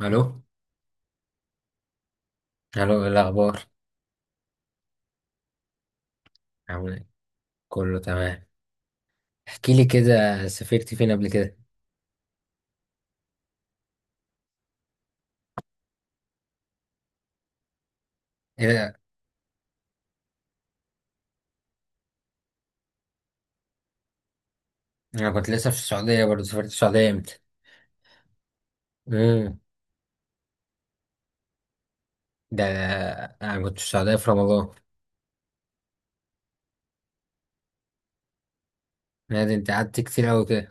الو الو، ايه الاخبار؟ عامل ايه؟ كله تمام. احكي لي كده، سافرت فين قبل كده؟ ايه ده! انا كنت لسه في السعوديه برضه. سافرت السعوديه امتى؟ امم ده انا كنت في السعوديه في رمضان. لا ده انت قعدت كتير قوي كده.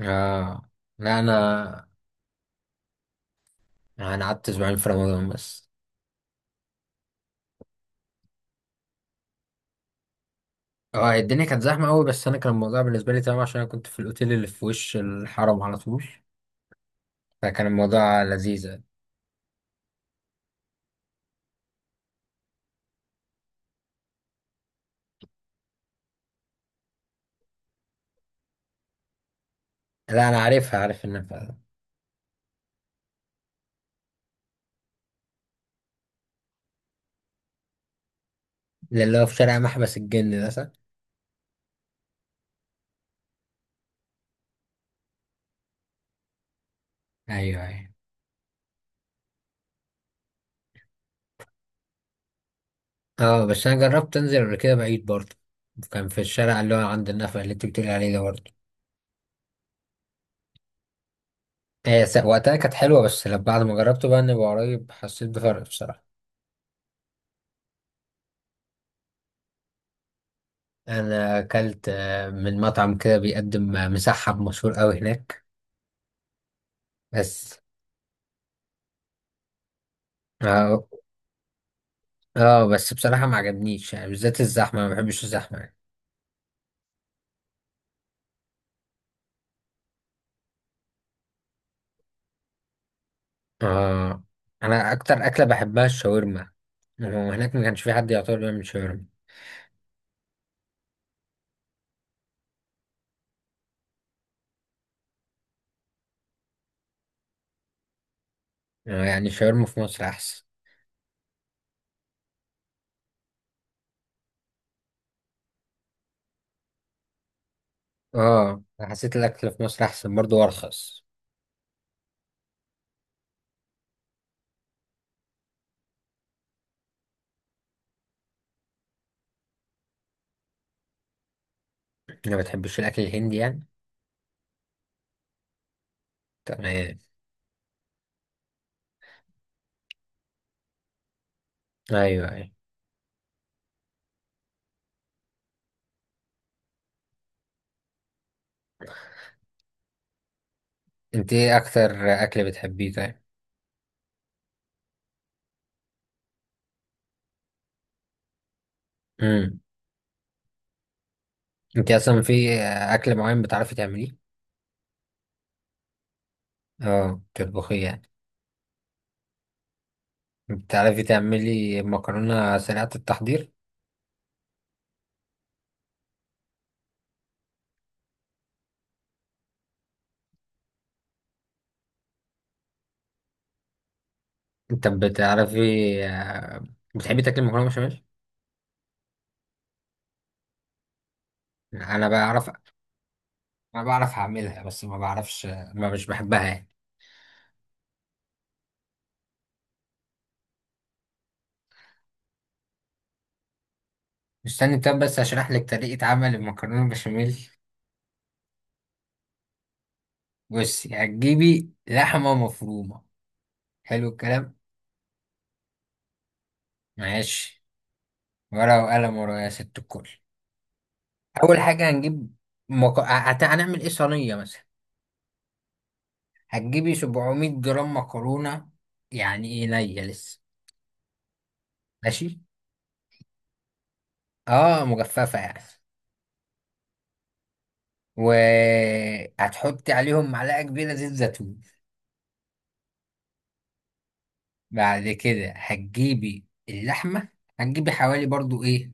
اه، لا انا قعدت اسبوعين في رمضان بس. اه الدنيا كانت زحمه قوي، بس انا كان الموضوع بالنسبه لي تمام، عشان انا كنت في الاوتيل اللي في وش الحرم على طول، فكان الموضوع لذيذ يعني. لا انا عارفها، عارف ان اللي هو في شارع محبس الجن ده، صح؟ ايوه ايوه. اه بس انا جربت انزل قبل كده بعيد برضه، كان في الشارع اللي هو عند النفق اللي انت بتقولي عليه ده برضه. وقتها كانت حلوة، بس لما بعد ما جربته بقى اني قريب حسيت بفرق بصراحة. انا اكلت من مطعم كده بيقدم مسحب مشهور قوي هناك. بس اه. اه بس بصراحة ما عجبنيش، يعني بالذات الزحمة، ما بحبش الزحمة يعني. اه، انا اكتر اكلة بحبها الشاورما، وهناك ما كانش في حد يعتبر بيعمل شاورما. يعني الشاورما في مصر احسن. اه، أنا حسيت الاكل في مصر احسن برضه وارخص. ما بتحبش الاكل الهندي يعني؟ تمام. ايوه ايوه. انت ايه اكتر اكل بتحبيه؟ طيب، امم انت اصلا في اكل معين بتعرفي تعمليه؟ اه تطبخيه يعني. بتعرفي تعملي مكرونه سريعه التحضير؟ انت بتعرفي آه، بتحبي تاكلي مكرونه بشاميل؟ انا بعرف. انا بعرف اعملها بس ما بعرفش، ما مش بحبها يعني. استني، طب بس اشرح لك طريقه عمل المكرونه بشاميل. بصي، هتجيبي لحمة مفرومة. حلو الكلام؟ ماشي. ورقة وقلم ورا يا ست الكل. أول حاجة هنجيب، هنعمل إيه، صينية مثلا. هتجيبي 700 جرام مكرونة. يعني إيه نية لسه؟ ماشي. آه، مجففة يعني. وهتحطي عليهم معلقة كبيرة زيت زيتون. بعد كده هتجيبي اللحمة، هتجيبي حوالي برضو إيه،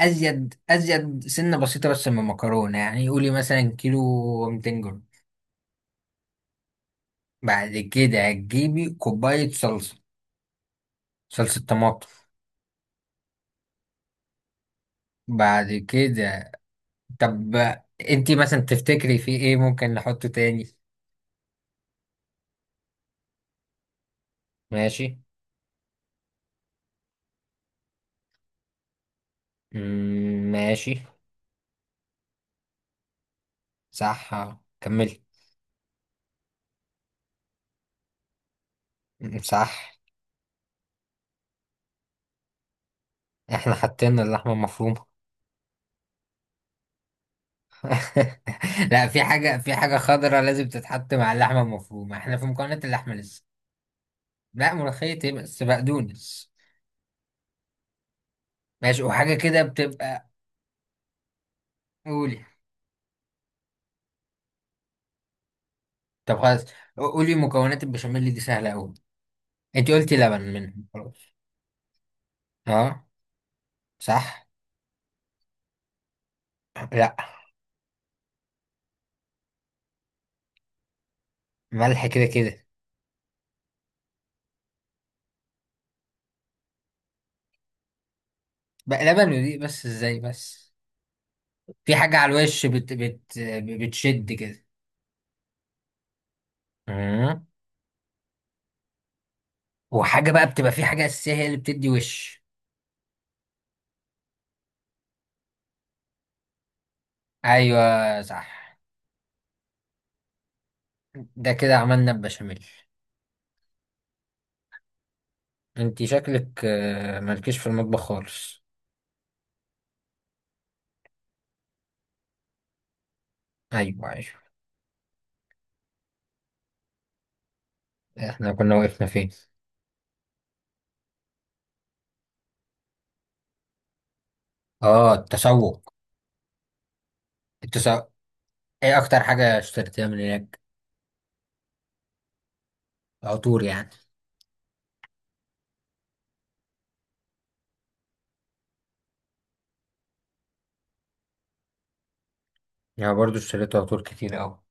أزيد أزيد سنة بسيطة بس من المكرونة، يعني قولي مثلا كيلو 200 جرام. بعد كده هتجيبي كوباية صلصة، صلصة طماطم. بعد كده طب انتي مثلا تفتكري في ايه ممكن نحطه تاني؟ ماشي. مم، ماشي. صح، كملي. مم، صح. احنا حطينا اللحمة المفرومة. لا في حاجة، في حاجة خضرا لازم تتحط مع اللحمة المفرومة، احنا في مكونات اللحمة لسه. لا ملوخية ايه، بس بقدونس. ماشي. وحاجة كده بتبقى، قولي. طب خلاص، قولي، مكونات البشاميل دي سهلة أوي. انت قلتي لبن منهم، خلاص. اه، صح. لا. ملح كده كده. بقى لبن ودي بس؟ ازاي بس! في حاجة على الوش، بت بتشد كده. مم. وحاجة بقى بتبقى، في حاجة أساسية هي اللي بتدي وش. أيوة، صح. ده كده عملنا البشاميل. انت شكلك مالكيش في المطبخ خالص. أيوة أيوة. احنا كنا وقفنا فين؟ اه التسوق، التسوق. ايه أكتر حاجة اشتريتها من هناك؟ عطور يعني؟ يعني برضو اشتريت عطور كتير أوي.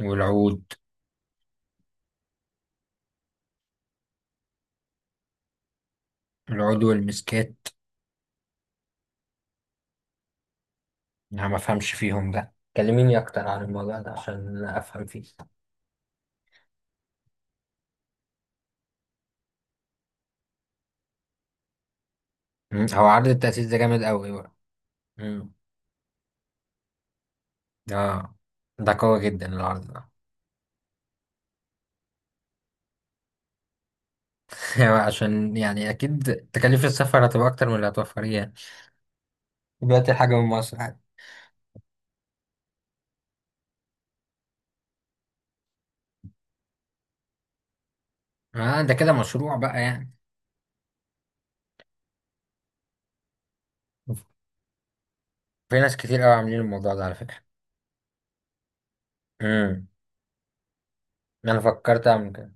والعود. العود والمسكات. انا ما افهمش فيهم، ده كلميني اكتر عن الموضوع ده عشان افهم فيه. مم، هو عرض التأسيس ده جامد قوي بقى. مم. اه ده قوي جدا العرض ده. هو عشان يعني اكيد تكاليف السفر هتبقى اكتر من اللي هتوفريه يعني، دلوقتي الحاجة من مصر عادي. اه ده كده مشروع بقى يعني. في ناس كتير قوي عاملين الموضوع ده على فكرة. امم انا فكرت اعمل كده.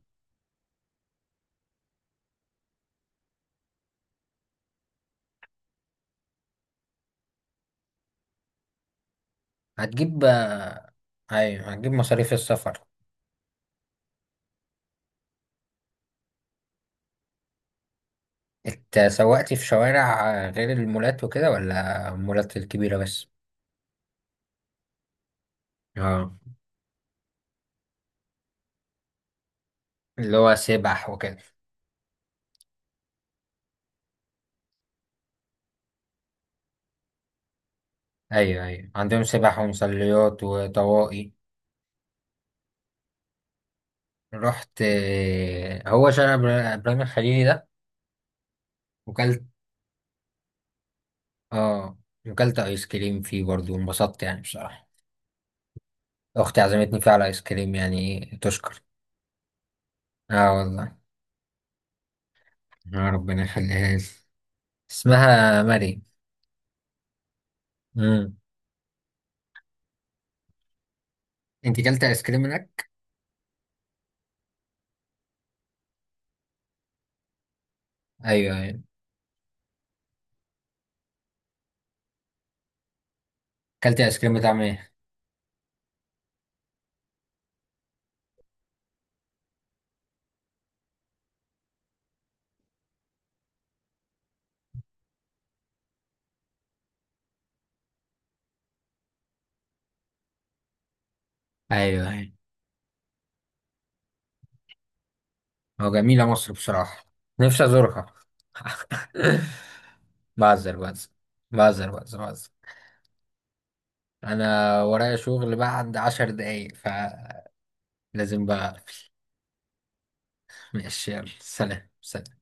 هتجيب ايوه هتجيب مصاريف السفر. اتسوقتي في شوارع غير المولات وكده ولا المولات الكبيرة بس؟ اه اللي هو سبح وكده. ايوه ايوه عندهم سبح ومصليات وطواقي. رحت هو شارع ابراهيم الخليلي ده. وكلت. اه وكلت ايس كريم فيه برضه وانبسطت يعني بصراحة. اختي عزمتني فيه على ايس كريم يعني. إيه، تشكر. اه والله. يا ربنا يخليها لي. اسمها مريم. امم انت كلت ايس كريم هناك؟ ايوه ايوه. كلت ايس كريم بتاع ايه؟ ايوه أيوة. هو جميلة مصر بصراحة، نفسي أزورها. بعذر، بعذر، بعذر، بعذر، بعذر، أنا ورايا شغل بعد 10 دقايق فلازم بقى. ماشي، يلا، سلام سلام.